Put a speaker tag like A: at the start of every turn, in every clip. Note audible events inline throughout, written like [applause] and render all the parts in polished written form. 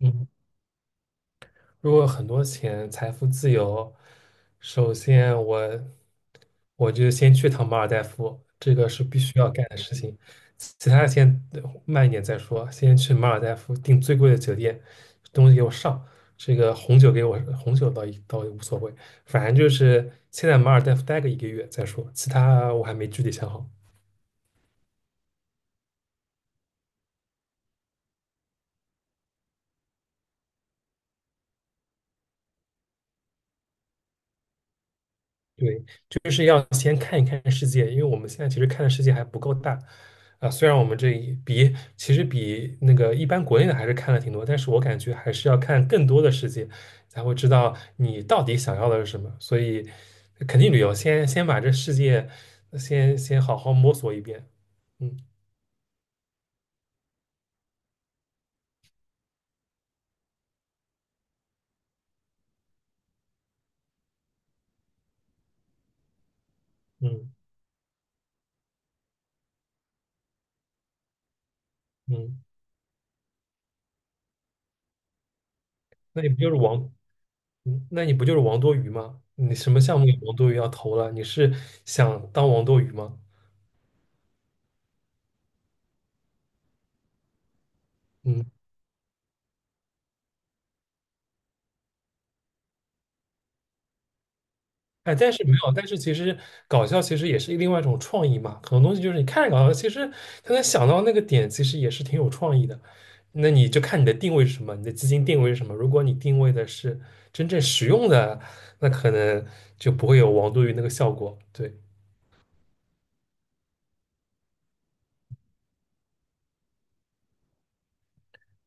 A: 嗯，如果有很多钱，财富自由，首先我就先去趟马尔代夫，这个是必须要干的事情。其他的先慢一点再说，先去马尔代夫订最贵的酒店，东西给我上，这个红酒给我红酒倒也无所谓，反正就是先在马尔代夫待个一个月再说，其他我还没具体想好。对，就是要先看一看世界，因为我们现在其实看的世界还不够大啊。虽然我们这一比其实比那个一般国内的还是看了挺多，但是我感觉还是要看更多的世界，才会知道你到底想要的是什么。所以，肯定旅游先把这世界先好好摸索一遍。嗯嗯嗯，那你不就是王？那你不就是王多鱼吗？你什么项目有王多鱼要投了？你是想当王多鱼吗？嗯。哎，但是没有，但是其实搞笑其实也是另外一种创意嘛。很多东西就是你看着搞笑，其实他能想到那个点，其实也是挺有创意的。那你就看你的定位是什么，你的基金定位是什么。如果你定位的是真正实用的，那可能就不会有王多鱼那个效果。对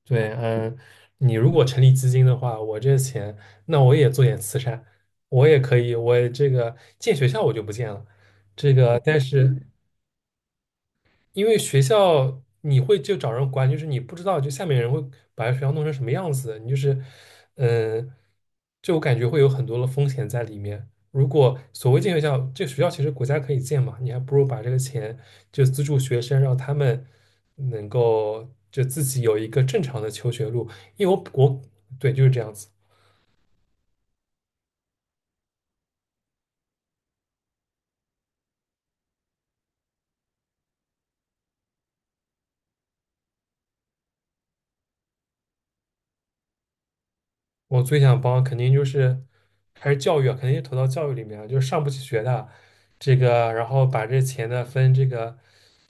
A: 对，嗯，你如果成立基金的话，我这钱，那我也做点慈善，我也可以，我这个建学校我就不建了，这个但是。因为学校你会就找人管，就是你不知道，就下面人会把学校弄成什么样子，你就是，嗯、就我感觉会有很多的风险在里面。如果所谓建学校，这学校其实国家可以建嘛，你还不如把这个钱就资助学生，让他们能够就自己有一个正常的求学路。因为我对就是这样子，我最想帮，肯定就是还是教育啊，肯定是投到教育里面啊，就是上不起学的这个，然后把这钱呢分这个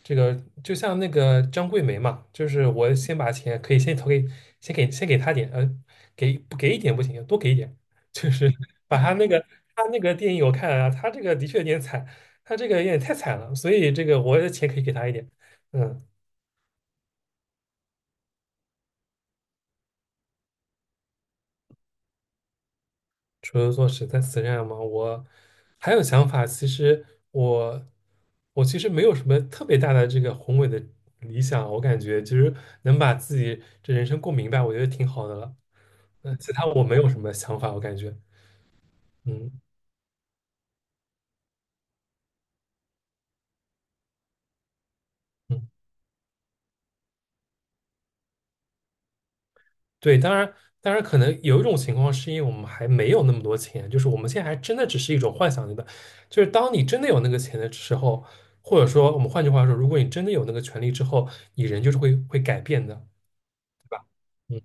A: 这个，就像那个张桂梅嘛，就是我先把钱可以先投给，先给她点，给不给一点不行，多给一点，[laughs] 就是把她那个电影我看了啊，她这个的确有点惨，她这个有点太惨了，所以这个我的钱可以给她一点，嗯。除了做十三慈善吗？我还有想法。其实我我其实没有什么特别大的这个宏伟的理想，我感觉其实能把自己这人生过明白，我觉得挺好的了。其他我没有什么想法，我感觉，嗯嗯，对，当然，可能有一种情况是因为我们还没有那么多钱，就是我们现在还真的只是一种幻想阶段，就是当你真的有那个钱的时候，或者说我们换句话说，如果你真的有那个权利之后，你人就是会改变的。对吧？嗯，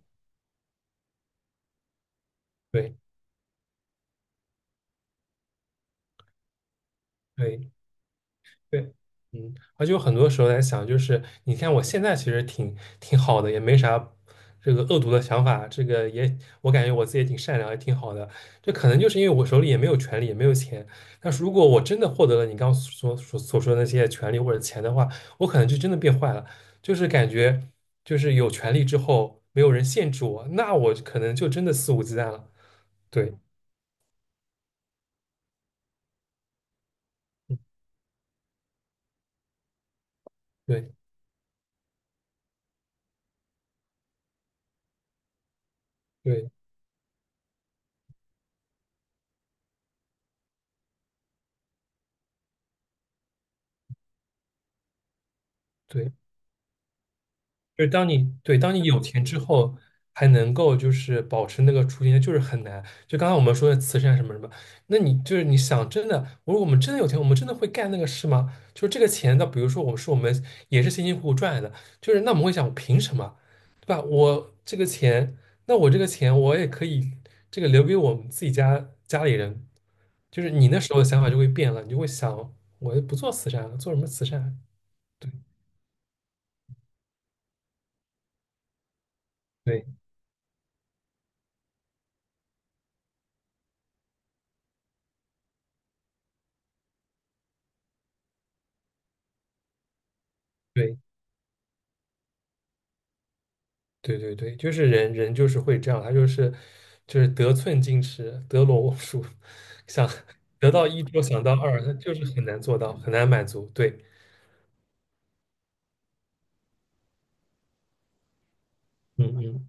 A: 对对对，嗯，而且有很多时候在想，就是你看我现在其实挺好的，也没啥这个恶毒的想法，这个也我感觉我自己也挺善良，也挺好的。这可能就是因为我手里也没有权利，也没有钱。但是如果我真的获得了你刚刚所说的那些权利或者钱的话，我可能就真的变坏了，就是感觉就是有权利之后没有人限制我，那我可能就真的肆无忌惮了。对，嗯对对对。就是当你有钱之后，还能够就是保持那个初心，就是很难。就刚刚我们说的慈善什么什么，那你就是你想真的，我说我们真的有钱，我们真的会干那个事吗？就是这个钱那比如说我们也是辛辛苦苦赚来的，就是那我们会想，凭什么，对吧？我这个钱，那我这个钱我也可以这个留给我们自己家家里人，就是你那时候的想法就会变了，你就会想，我不做慈善了，做什么慈善啊？对对对。对对对，就是人人就是会这样，他就是得寸进尺，得陇望蜀，[laughs] 想得到一就想到二，他就是很难做到，很难满足。对，嗯嗯，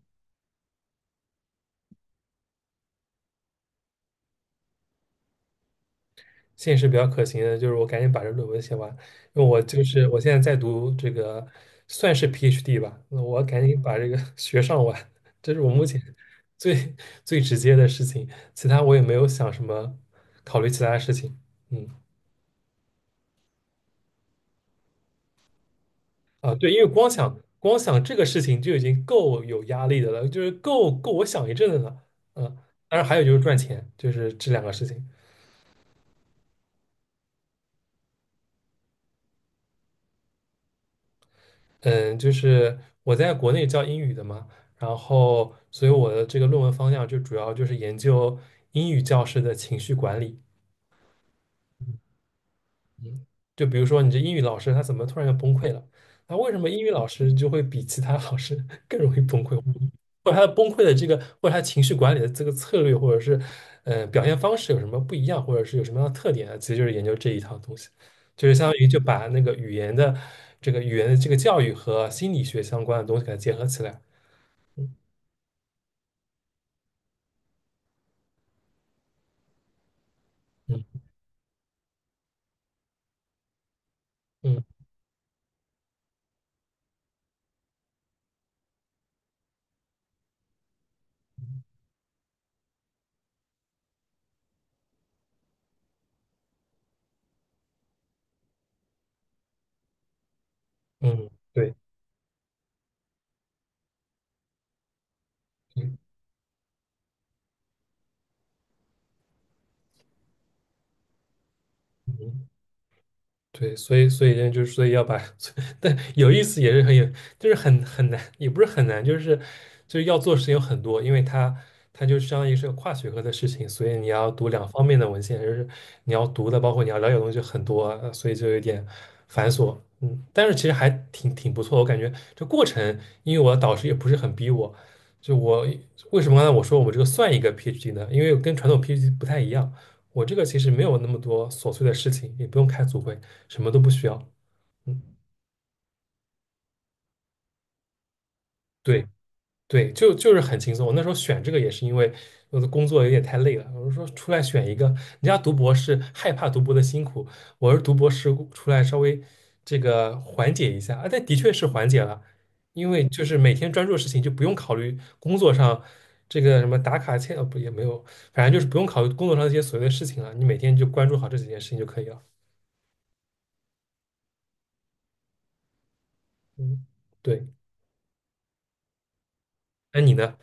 A: 现实比较可行的就是我赶紧把这论文写完，因为我就是我现在在读这个算是 PhD 吧，那我赶紧把这个 [laughs] 学上完，这是我目前 [laughs] 最最直接的事情，其他我也没有想什么考虑其他的事情。嗯。啊，对，因为光想这个事情就已经够有压力的了，就是够我想一阵子了。嗯，当然还有就是赚钱，就是这两个事情。嗯，就是我在国内教英语的嘛，然后所以我的这个论文方向就主要就是研究英语教师的情绪管理。就比如说你这英语老师他怎么突然就崩溃了？那为什么英语老师就会比其他老师 [laughs] 更容易崩溃？或者他的崩溃的这个，或者他情绪管理的这个策略，或者是表现方式有什么不一样，或者是有什么样的特点啊？其实就是研究这一套东西，就是相当于就把那个语言的这个语言的这个教育和心理学相关的东西给它结合起来。嗯嗯嗯嗯，对，嗯嗯。对，所以呢就是所以要把，[laughs] 但有意思也是很有，就是很难，也不是很难，就是要做事情有很多，因为它就相当于是个跨学科的事情，所以你要读两方面的文献，就是你要读的，包括你要了解的东西就很多，所以就有点繁琐，嗯，但是其实还挺不错，我感觉这过程，因为我的导师也不是很逼我，就我为什么刚才我说我这个算一个 PhD 呢？因为跟传统 PhD 不太一样。我这个其实没有那么多琐碎的事情，也不用开组会，什么都不需要。嗯，对对，就是很轻松。我那时候选这个也是因为我的工作有点太累了，我就说出来选一个。人家读博士害怕读博的辛苦，我是读博士出来稍微这个缓解一下啊，但的确是缓解了，因为就是每天专注的事情就不用考虑工作上这个什么打卡签不也没有，反正就是不用考虑工作上这些琐碎的事情了，你每天就关注好这几件事情就可以了。嗯，对，那你呢？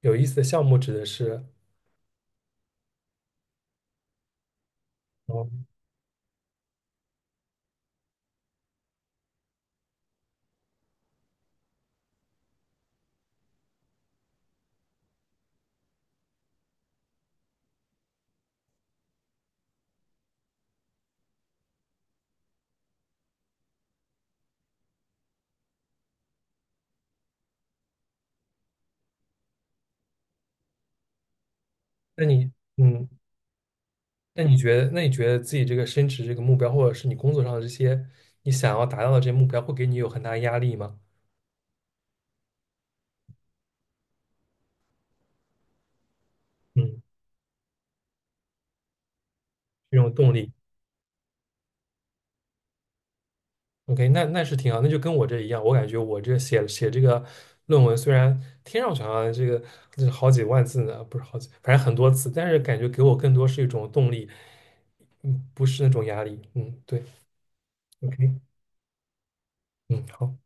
A: 有意思的项目指的是，哦，那你，嗯，那你觉得自己这个升职这个目标，或者是你工作上的这些你想要达到的这些目标，会给你有很大的压力吗？嗯，这种动力。OK，那是挺好，那就跟我这一样，我感觉我这写写这个论文，虽然听上去好像这是好几万字呢，不是好几，反正很多字，但是感觉给我更多是一种动力，不是那种压力。嗯，对，OK，嗯，好。